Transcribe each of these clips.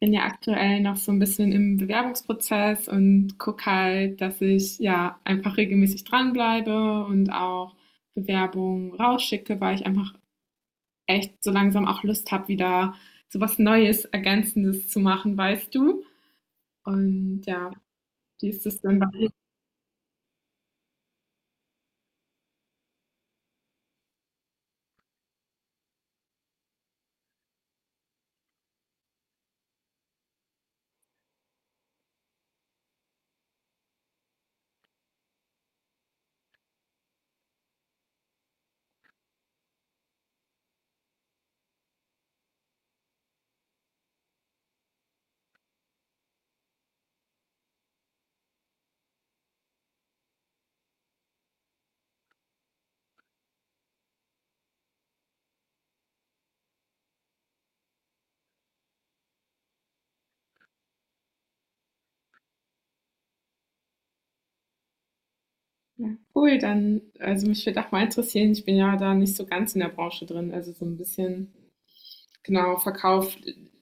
Bin ja aktuell noch so ein bisschen im Bewerbungsprozess und gucke halt, dass ich ja einfach regelmäßig dranbleibe und auch Bewerbungen rausschicke, weil ich einfach echt so langsam auch Lust habe, wieder so was Neues, Ergänzendes zu machen, weißt du? Und ja, wie ist das denn bei dir? Ja, cool, dann, also mich würde auch mal interessieren, ich bin ja da nicht so ganz in der Branche drin, also so ein bisschen genau, Verkauf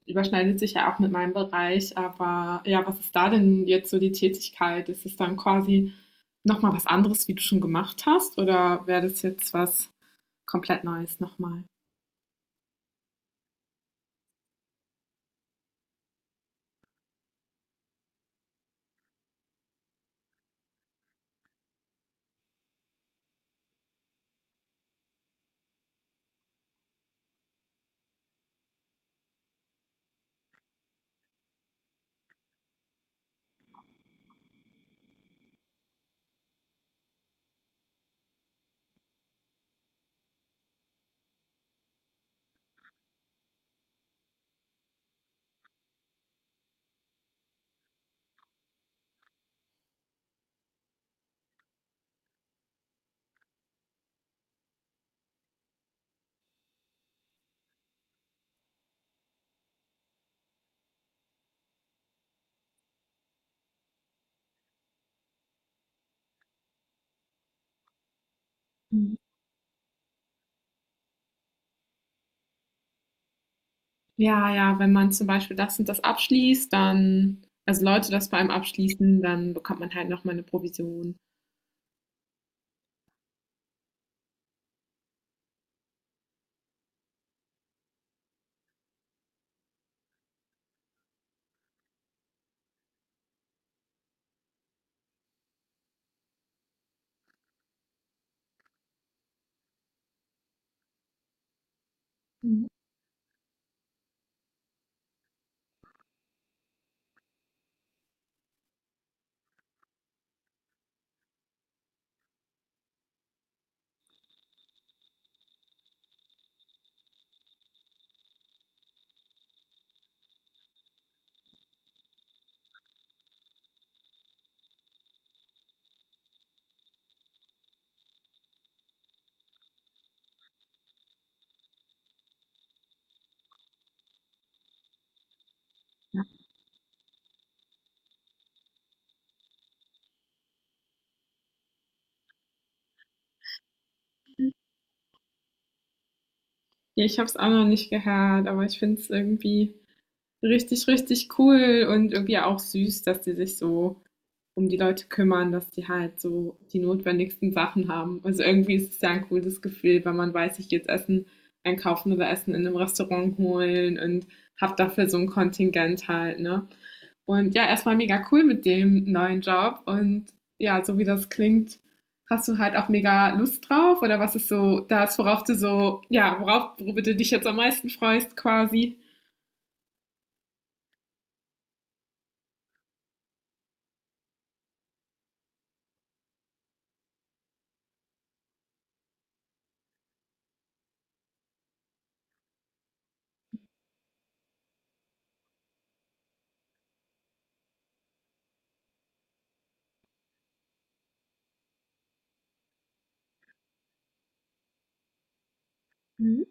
überschneidet sich ja auch mit meinem Bereich, aber ja, was ist da denn jetzt so die Tätigkeit? Ist es dann quasi noch mal was anderes, wie du schon gemacht hast, oder wäre das jetzt was komplett Neues noch mal? Mhm. Ja, ja, wenn man zum Beispiel das und das abschließt, dann also Leute das bei einem abschließen, dann bekommt man halt noch mal 'ne Provision. Mhm. Ja, ich habe es auch noch nicht gehört, aber ich finde es irgendwie richtig, richtig cool und irgendwie auch süß, dass die sich so um die Leute kümmern, dass die halt so die notwendigsten Sachen haben. Also irgendwie ist es ja ein cooles Gefühl, wenn man weiß, ich gehe jetzt Essen einkaufen oder Essen in einem Restaurant holen und habe dafür so ein Kontingent halt, ne? Und ja, erstmal mega cool mit dem neuen Job und ja, so wie das klingt, hast du halt auch mega Lust drauf oder was ist so das, worauf du so, ja, worauf, worüber du dich jetzt am meisten freust quasi? Mhm.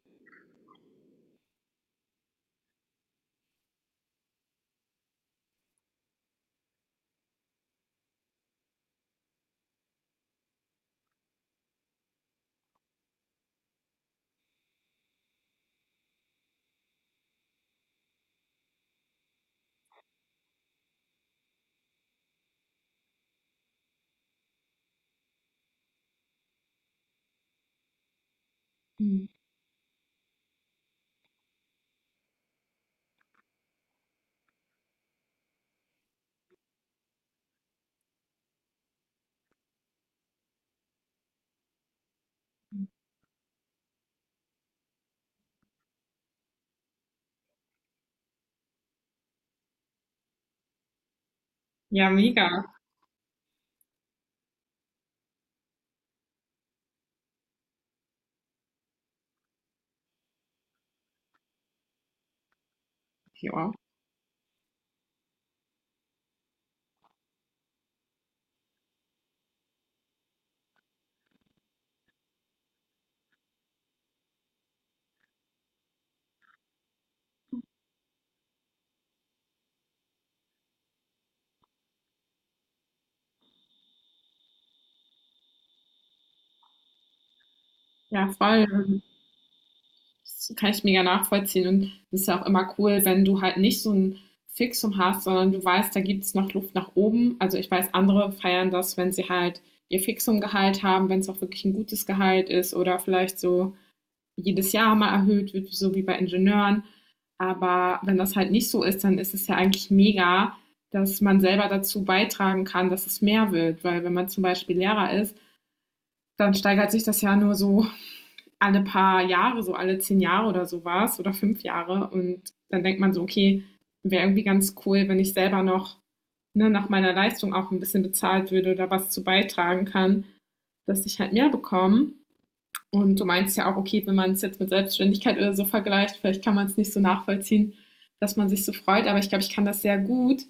Ja, mega. Ja, ja voll. Das kann ich mega nachvollziehen. Und es ist ja auch immer cool, wenn du halt nicht so ein Fixum hast, sondern du weißt, da gibt es noch Luft nach oben. Also ich weiß, andere feiern das, wenn sie halt ihr Fixum-Gehalt haben, wenn es auch wirklich ein gutes Gehalt ist oder vielleicht so jedes Jahr mal erhöht wird, so wie bei Ingenieuren. Aber wenn das halt nicht so ist, dann ist es ja eigentlich mega, dass man selber dazu beitragen kann, dass es mehr wird. Weil wenn man zum Beispiel Lehrer ist, dann steigert sich das ja nur so alle paar Jahre, so alle 10 Jahre oder sowas oder 5 Jahre. Und dann denkt man so, okay, wäre irgendwie ganz cool, wenn ich selber noch ne, nach meiner Leistung auch ein bisschen bezahlt würde oder was zu beitragen kann, dass ich halt mehr bekomme. Und du meinst ja auch, okay, wenn man es jetzt mit Selbstständigkeit oder so vergleicht, vielleicht kann man es nicht so nachvollziehen, dass man sich so freut. Aber ich glaube, ich kann das sehr gut,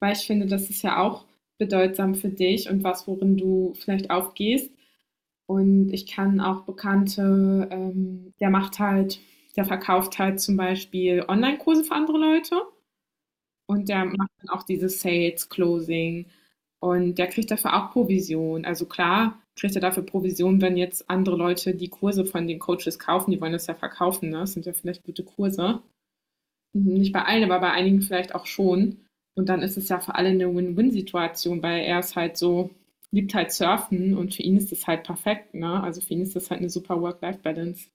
weil ich finde, das ist ja auch bedeutsam für dich und was, worin du vielleicht aufgehst. Und ich kann auch Bekannte, der verkauft halt zum Beispiel Online-Kurse für andere Leute und der macht dann auch dieses Sales, Closing und der kriegt dafür auch Provision. Also klar kriegt er dafür Provision, wenn jetzt andere Leute die Kurse von den Coaches kaufen, die wollen das ja verkaufen, ne? Das sind ja vielleicht gute Kurse. Mhm, nicht bei allen, aber bei einigen vielleicht auch schon. Und dann ist es ja für alle eine Win-Win-Situation, weil er ist halt so liebt halt Surfen und für ihn ist das halt perfekt, ne? Also, für ihn ist das halt eine super Work-Life-Balance.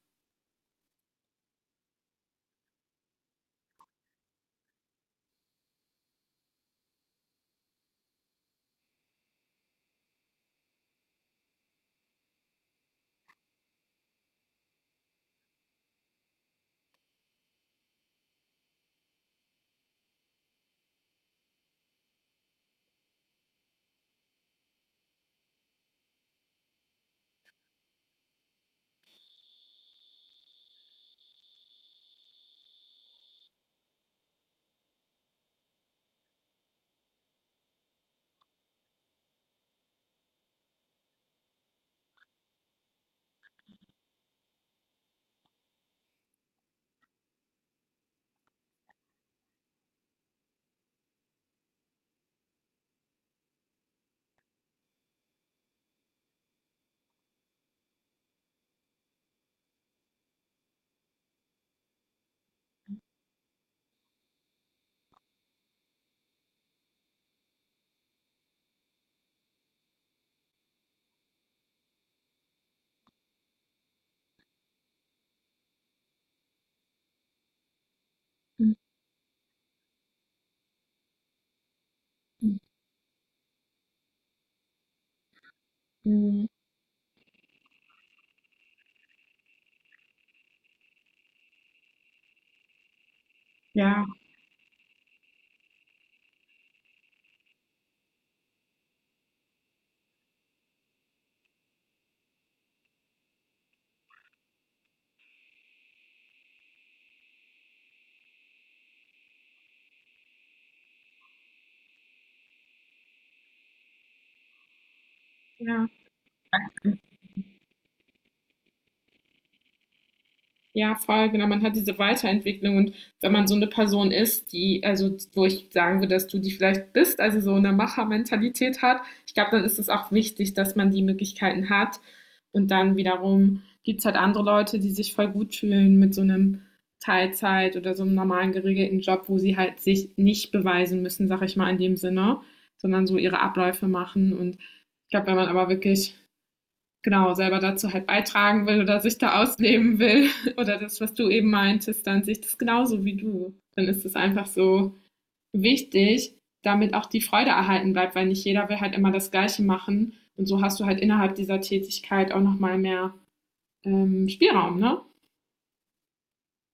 Mhm. Ja, ja. Ja, voll, genau. Man hat diese Weiterentwicklung und wenn man so eine Person ist, die, also wo ich sagen würde, dass du die vielleicht bist, also so eine Machermentalität hat, ich glaube, dann ist es auch wichtig, dass man die Möglichkeiten hat. Und dann wiederum gibt es halt andere Leute, die sich voll gut fühlen mit so einem Teilzeit oder so einem normalen geregelten Job, wo sie halt sich nicht beweisen müssen, sag ich mal in dem Sinne, sondern so ihre Abläufe machen. Und ich glaube, wenn man aber wirklich genau, selber dazu halt beitragen will oder sich da ausleben will oder das, was du eben meintest, dann sehe ich das genauso wie du. Dann ist es einfach so wichtig, damit auch die Freude erhalten bleibt, weil nicht jeder will halt immer das Gleiche machen. Und so hast du halt innerhalb dieser Tätigkeit auch nochmal mehr Spielraum, ne?